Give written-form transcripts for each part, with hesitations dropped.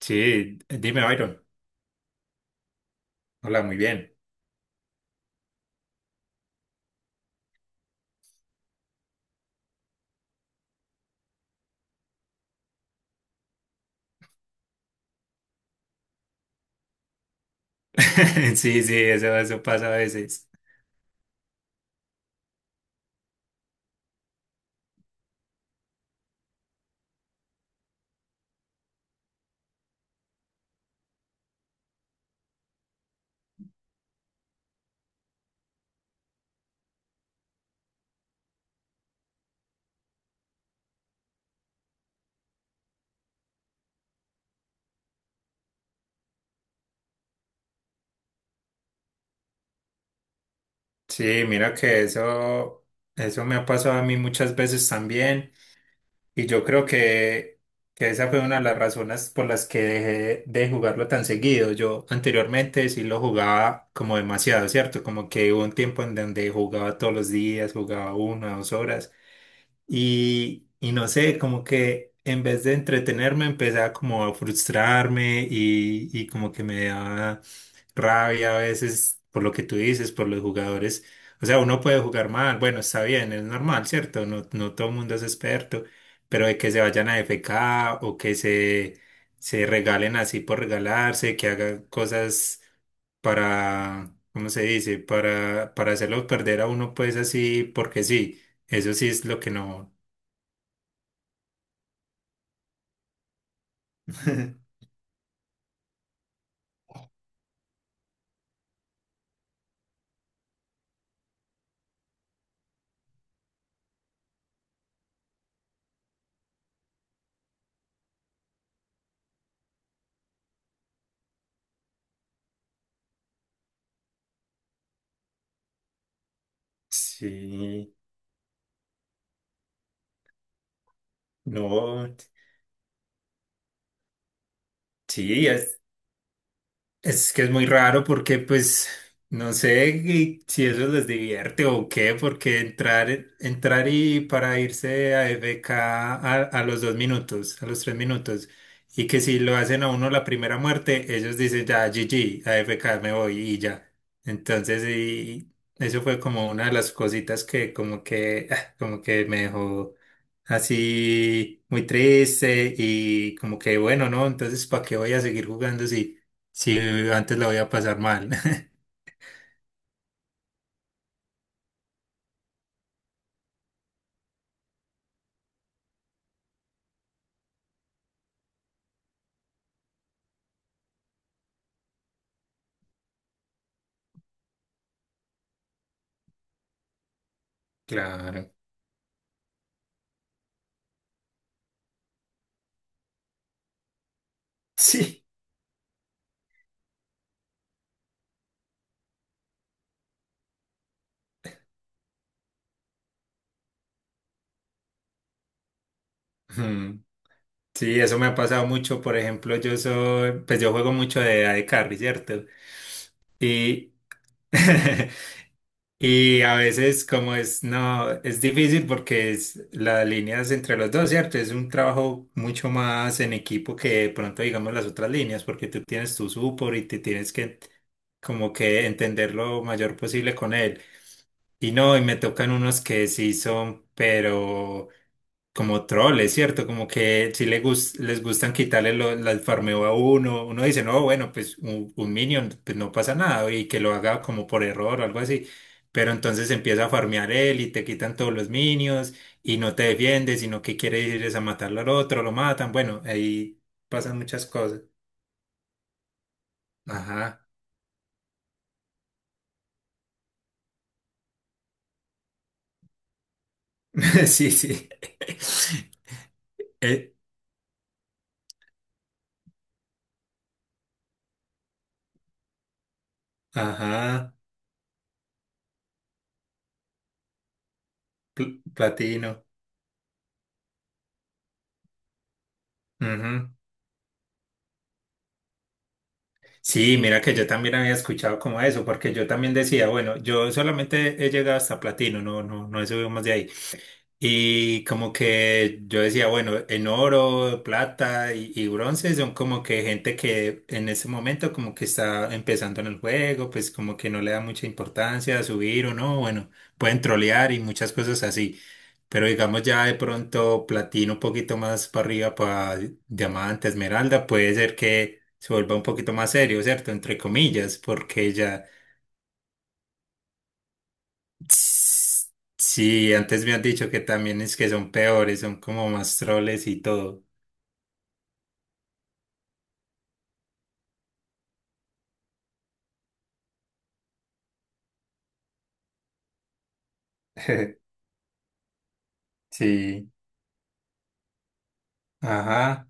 Sí, dime, Byron. Hola, muy bien. Sí, sí, eso pasa a veces. Sí, mira que eso me ha pasado a mí muchas veces también. Y yo creo que esa fue una de las razones por las que dejé de jugarlo tan seguido. Yo anteriormente sí lo jugaba como demasiado, ¿cierto? Como que hubo un tiempo en donde jugaba todos los días, jugaba una, dos horas. Y no sé, como que en vez de entretenerme, empezaba como a frustrarme y como que me daba rabia a veces por lo que tú dices, por los jugadores. O sea, uno puede jugar mal, bueno, está bien, es normal, ¿cierto? No, no todo el mundo es experto, pero de que se vayan a F K o que se regalen así por regalarse, que hagan cosas para, ¿cómo se dice? Para hacerlo perder a uno pues así porque sí. Eso sí es lo que no. Sí, no. Sí, es que es muy raro porque pues no sé qué- si eso les divierte o qué, porque entrar, entrar y para irse a f k a los dos minutos, a los tres minutos, y que si lo hacen a uno la primera muerte, ellos dicen ya GG, a f k me voy y ya. Entonces y eso fue como una de las cositas que como que, ah, como que me dejó así muy triste y como que bueno, ¿no? Entonces ¿para qué voy a seguir jugando si... Sí, antes la voy a pasar mal. Claro. Sí. Ujú. Sí, eso me ha pasado mucho. Por ejemplo, yo soy, pues yo juego mucho de AD Carry, ¿cierto? Y, y a veces como es, no, es difícil porque es las líneas entre los dos, ¿cierto? Es un trabajo mucho más en equipo que de pronto, digamos, las otras líneas, porque tú tienes tu support y te tienes que como que entender lo mayor posible con él. Y no, y me tocan unos que sí son, pero como troll, es cierto, como que si le gus- les gustan quitarle lo- las farmeo a uno, uno dice, no, bueno, pues un minion, pues no pasa nada, y que lo haga como por error o algo así, pero entonces empieza a farmear él y te quitan todos los minions y no te defiendes, sino que quiere ir es a matarlo al otro, lo matan, bueno, ahí pasan muchas cosas. Ajá, sí, sí. Eh, ajá, platino. Ujú. Sí, mira que yo también había escuchado como eso, porque yo también decía, bueno, yo solamente he llegado hasta platino, no, no, no he subido más de ahí. Y como que yo decía, bueno, en oro, plata y bronce son como que gente que en ese momento como que está empezando en el juego, pues como que no le da mucha importancia a subir o no, bueno, pueden trolear y muchas cosas así. Pero digamos ya de pronto platino un poquito más para arriba para diamante, esmeralda, puede ser que se vuelva un poquito más serio, ¿cierto? Entre comillas, porque ya Tss, sí, antes me han dicho que también es que son peores, son como más troles y todo. Sí, ajá.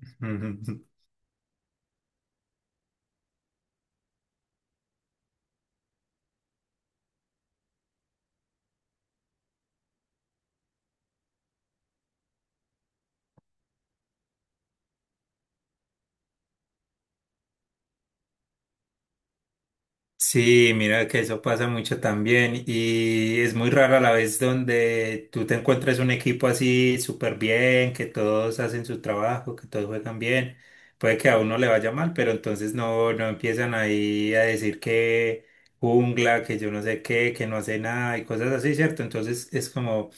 Sí, mira que eso pasa mucho también y es muy rara la vez donde tú te encuentres un equipo así súper bien, que todos hacen su trabajo, que todos juegan bien. Puede que a uno le vaya mal, pero entonces no, no empiezan ahí a decir que jungla, que yo no sé qué, que no hace nada y cosas así, ¿cierto? Entonces es como,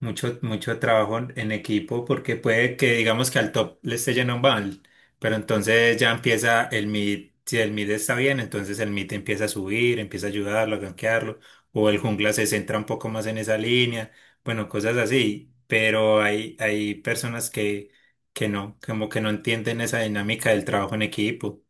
mucho, mucho trabajo en equipo porque puede que digamos que al top le esté yendo mal, pero entonces ya empieza el mid, si el mid está bien, entonces el mid empieza a subir, empieza a ayudarlo, a gankearlo, o el jungla se centra un poco más en esa línea, bueno, cosas así, pero hay personas que no, como que no entienden esa dinámica del trabajo en equipo.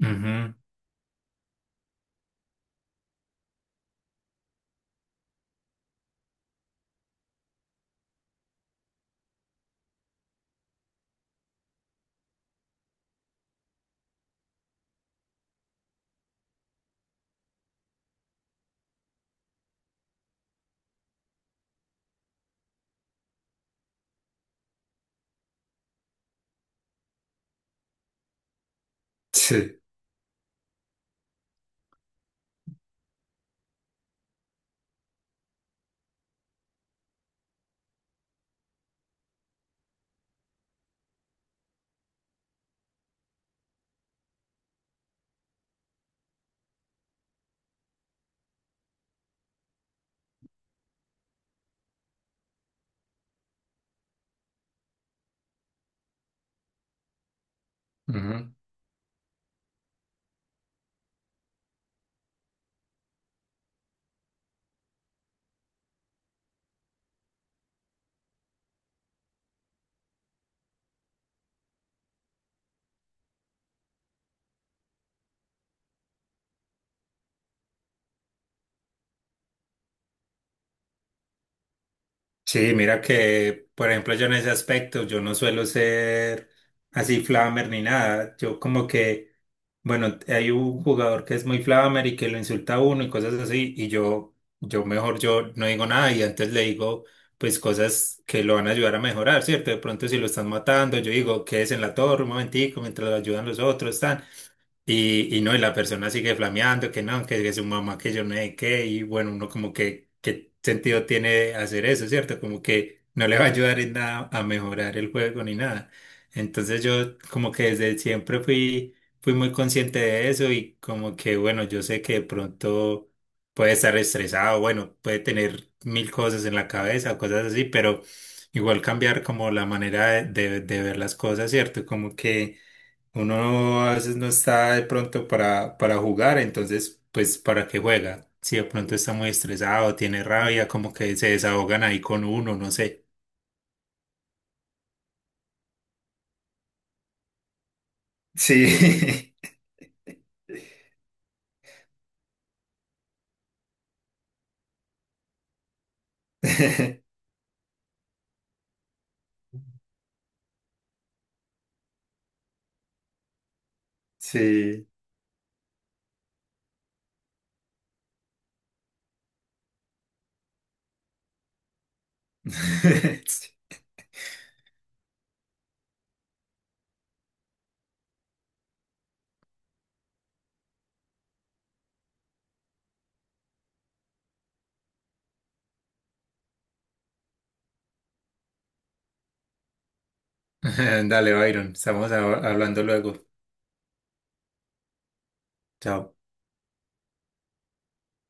Ujú, Sí. Ujú. Sí, mira que, por ejemplo, yo en ese aspecto, yo no suelo ser así flamer ni nada. Yo como que, bueno, hay un jugador que es muy flamer y que lo insulta a uno y cosas así, y yo mejor yo no digo nada y antes le digo, pues cosas que lo van a ayudar a mejorar, ¿cierto? De pronto si lo están matando, yo digo, quédese en la torre un momentico mientras lo ayudan los otros, tan. Y no, y la persona sigue flameando, que no, que su mamá, que yo no sé qué, y bueno, uno como que, ¿qué sentido tiene hacer eso, cierto? Como que no le va a ayudar en nada a mejorar el juego ni nada. Entonces yo como que desde siempre fui, fui muy consciente de eso y como que, bueno, yo sé que de pronto puede estar estresado, bueno, puede tener mil cosas en la cabeza, cosas así, pero igual cambiar como la manera de, de ver las cosas, cierto? Como que... Uno a veces no está de pronto para jugar, entonces, pues, ¿para qué juega? Si de pronto está muy estresado, tiene rabia, como que se desahogan ahí con uno, no sé. Sí. Sí. Dale, Byron, estamos hablando luego. Chao.